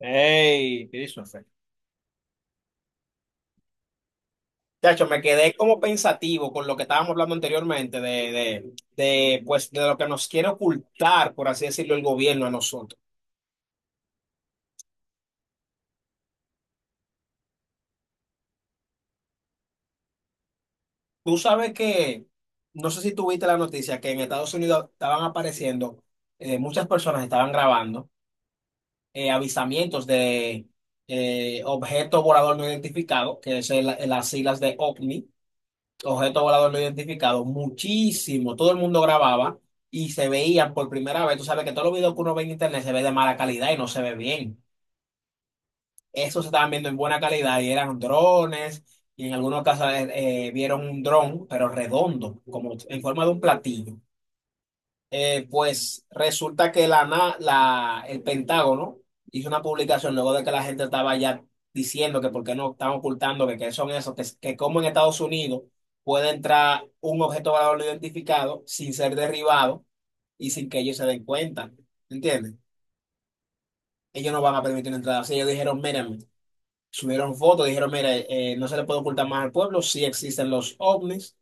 Ey, Christopher. Chacho, me quedé como pensativo con lo que estábamos hablando anteriormente pues, de lo que nos quiere ocultar, por así decirlo, el gobierno a nosotros. Tú sabes que, no sé si tuviste la noticia, que en Estados Unidos estaban apareciendo, muchas personas estaban grabando avisamientos de objeto volador no identificado, que es las siglas de OVNI, objeto volador no identificado, muchísimo, todo el mundo grababa y se veían por primera vez. Tú sabes que todos los videos que uno ve en internet se ve de mala calidad y no se ve bien. Esos se estaban viendo en buena calidad y eran drones, y en algunos casos vieron un dron, pero redondo, como en forma de un platillo. Pues resulta que el Pentágono hizo una publicación luego de que la gente estaba ya diciendo que por qué no están ocultando, que qué son esos, que cómo en Estados Unidos puede entrar un objeto volador no identificado sin ser derribado y sin que ellos se den cuenta. ¿Entiendes? Ellos no van a permitir una entrada. Así ellos dijeron, miren, subieron fotos, dijeron, mire, no se le puede ocultar más al pueblo si existen los ovnis.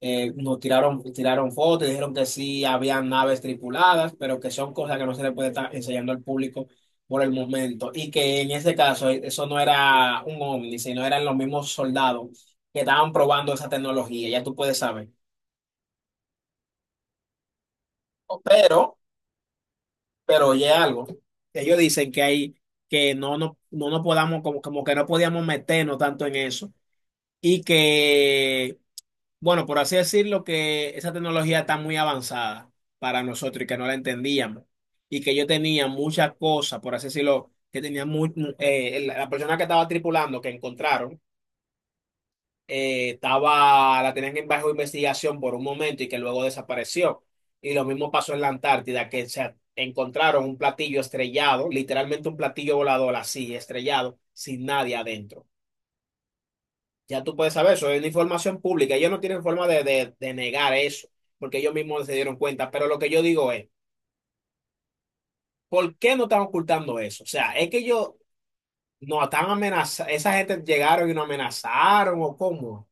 Nos tiraron, tiraron fotos y dijeron que sí habían naves tripuladas, pero que son cosas que no se le puede estar enseñando al público por el momento. Y que en ese caso eso no era un ovni, sino eran los mismos soldados que estaban probando esa tecnología, ya tú puedes saber. Pero, pero oye algo, ellos dicen que hay, que no, nos no, no nos podamos, como, como que no podíamos meternos tanto en eso. Y que Bueno, por así decirlo, que esa tecnología está muy avanzada para nosotros y que no la entendíamos. Y que yo tenía muchas cosas, por así decirlo, la persona que estaba tripulando, que encontraron, estaba, la tenían en bajo investigación por un momento y que luego desapareció. Y lo mismo pasó en la Antártida, que se encontraron un platillo estrellado, literalmente un platillo volador así, estrellado, sin nadie adentro. Ya tú puedes saber eso, es una información pública. Ellos no tienen forma de negar eso, porque ellos mismos se dieron cuenta. Pero lo que yo digo es, ¿por qué no están ocultando eso? O sea, es que ellos no están amenazando, esa gente llegaron y nos amenazaron o cómo.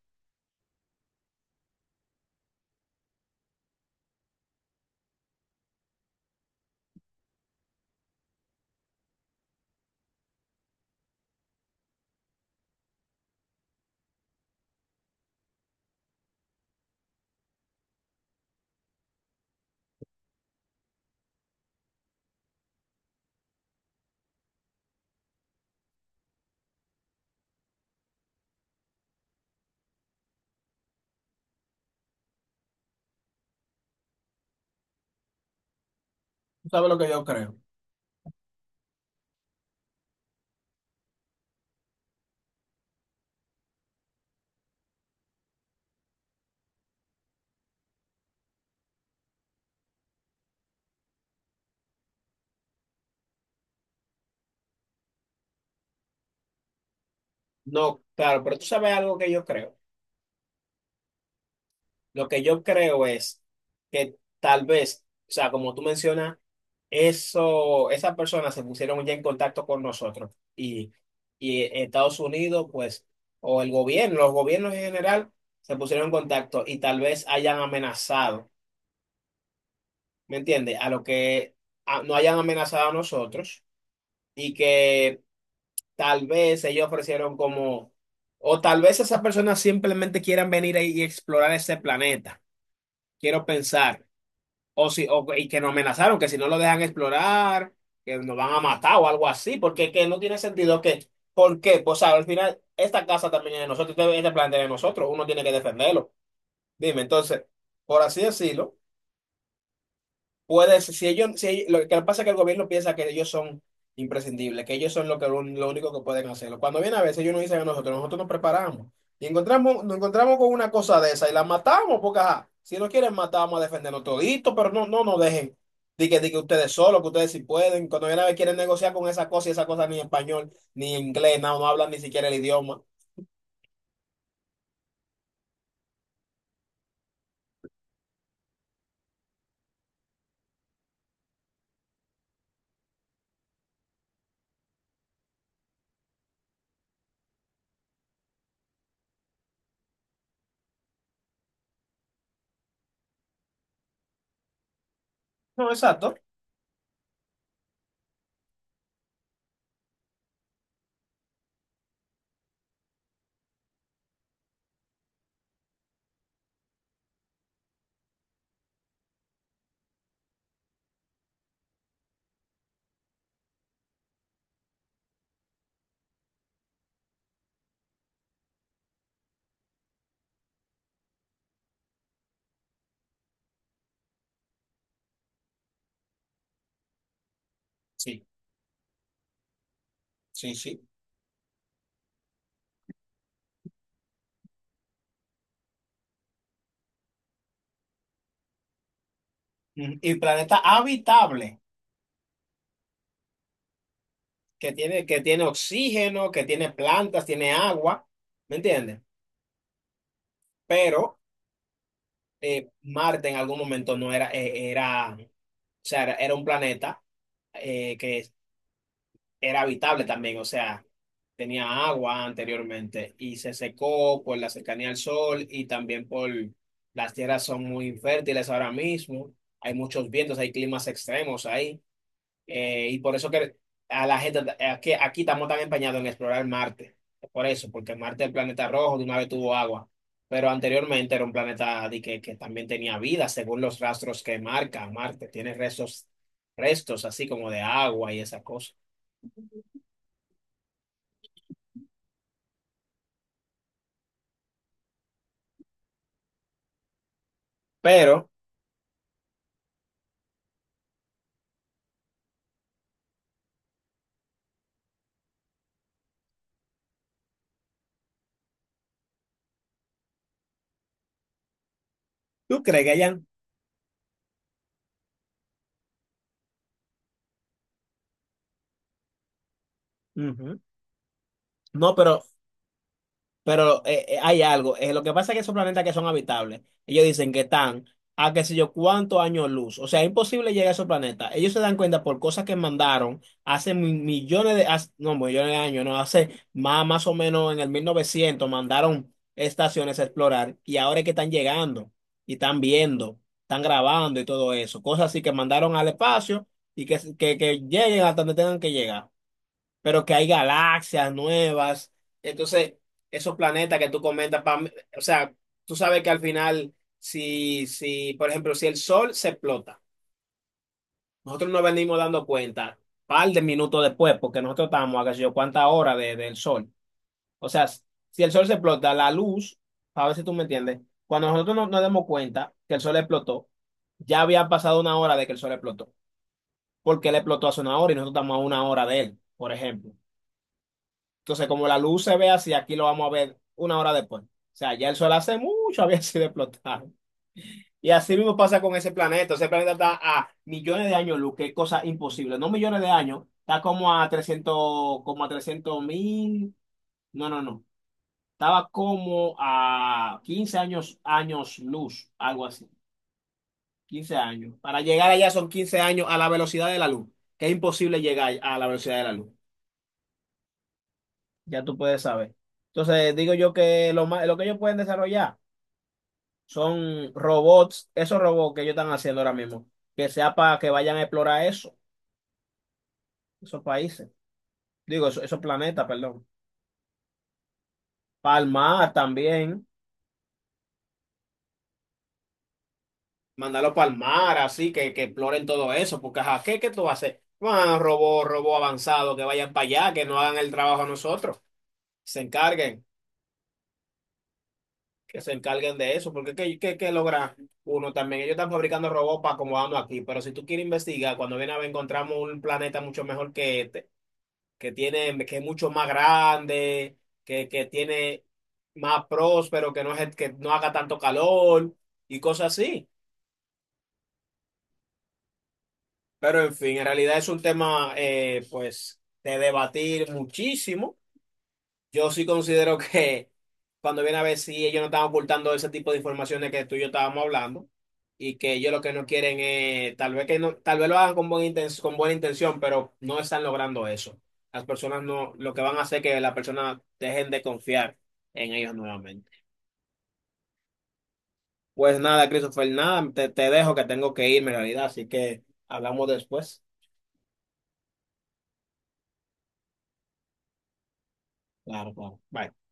¿Tú sabes lo que yo creo? No, claro, pero tú sabes algo que yo creo. Lo que yo creo es que tal vez, o sea, como tú mencionas, eso, esas personas se pusieron ya en contacto con nosotros y Estados Unidos, pues, o el gobierno, los gobiernos en general, se pusieron en contacto y tal vez hayan amenazado, ¿me entiendes? A lo que no hayan amenazado a nosotros, y que tal vez ellos ofrecieron como, o tal vez esas personas simplemente quieran venir ahí y explorar ese planeta. Quiero pensar. O si, o, y que nos amenazaron que si no lo dejan explorar, que nos van a matar o algo así, porque que no tiene sentido que, ¿por qué? Pues, ¿sabes? Al final, esta casa también es de nosotros, este planeta es de nosotros, uno tiene que defenderlo. Dime, entonces, por así decirlo. Puedes, si ellos, si, lo que pasa es que el gobierno piensa que ellos son imprescindibles, que ellos son lo, que, lo único que pueden hacerlo. Cuando viene a veces ellos nos dicen a nosotros, nosotros nos preparamos y encontramos, nos encontramos con una cosa de esa y la matamos, porque ajá, si no quieren matar, vamos a defendernos todito, pero no, no nos dejen. Di que ustedes solos, que ustedes sí pueden. Cuando viene a ver quieren negociar con esa cosa, y esa cosa ni español, ni inglés, no, no hablan ni siquiera el idioma. No, exacto. Sí, sí, sí. Mm, y planeta habitable. Que tiene, que tiene oxígeno, que tiene plantas, tiene agua, ¿me entiendes? Pero Marte en algún momento no era, era, o sea, era, era un planeta que era habitable también, o sea, tenía agua anteriormente y se secó por la cercanía al Sol y también por las tierras son muy infértiles ahora mismo, hay muchos vientos, hay climas extremos ahí. Y por eso que a la gente, que aquí estamos tan empeñados en explorar Marte. Por eso, porque Marte es el planeta rojo, de una vez tuvo agua. Pero anteriormente era un planeta de que también tenía vida, según los rastros que marca Marte. Tiene restos, restos así como de agua y esas cosas. Pero, ¿tú crees que hayan? Ujú. No, pero hay algo. Lo que pasa es que esos planetas que son habitables, ellos dicen que están a qué sé yo cuántos años luz. O sea, es imposible llegar a esos planetas. Ellos se dan cuenta por cosas que mandaron hace millones de, no, millones de años, no, hace más, más o menos en el 1900 mandaron estaciones a explorar, y ahora es que están llegando y están viendo, están grabando y todo eso. Cosas así que mandaron al espacio y que lleguen hasta donde tengan que llegar, pero que hay galaxias nuevas. Entonces, esos planetas que tú comentas, pa', o sea, tú sabes que al final, si, por ejemplo, si el Sol se explota, nosotros nos venimos dando cuenta par de minutos después, porque nosotros estamos a qué sé yo cuántas horas del Sol. O sea, si el Sol se explota, la luz, a ver si tú me entiendes, cuando nosotros nos demos cuenta que el Sol explotó, ya había pasado una hora de que el Sol explotó, porque él explotó hace una hora y nosotros estamos a una hora de él, por ejemplo. Entonces, como la luz se ve así, aquí lo vamos a ver una hora después. O sea, ya el sol hace mucho había sido explotado. Y así mismo pasa con ese planeta. Ese planeta está a millones de años luz, que es cosa imposible. No millones de años, está como a trescientos, como a 300.000. No, no, no. Estaba como a 15 años, años luz, algo así. 15 años. Para llegar allá son 15 años a la velocidad de la luz, que es imposible llegar a la velocidad de la luz. Ya tú puedes saber. Entonces, digo yo que lo más, lo que ellos pueden desarrollar. Son robots, esos robots que ellos están haciendo ahora mismo, que sea para que vayan a explorar eso, esos países, digo, esos planetas, perdón. Palmar también, mandarlo palmar, así que exploren todo eso, porque ajá, ¿qué, qué tú vas a hacer? Bueno, robot, robot avanzado, que vayan para allá, que no hagan el trabajo a nosotros, se encarguen, que se encarguen de eso, porque ¿qué logra uno también? Ellos están fabricando robots para acomodarnos aquí, pero si tú quieres investigar, cuando viene a ver, encontramos un planeta mucho mejor que este, que tiene, que es mucho más grande, que tiene más próspero, que no es, que no haga tanto calor y cosas así. Pero en fin, en realidad es un tema, pues, de debatir muchísimo. Yo sí considero que cuando viene a ver si ellos no están ocultando ese tipo de informaciones que tú y yo estábamos hablando, y que ellos lo que no quieren es, tal vez que no, tal vez lo hagan con buena intención, pero no están logrando eso. Las personas no, lo que van a hacer es que las personas dejen de confiar en ellos nuevamente. Pues nada, Christopher, nada, te dejo que tengo que irme en realidad, así que hablamos después. Claro, claro. Bye.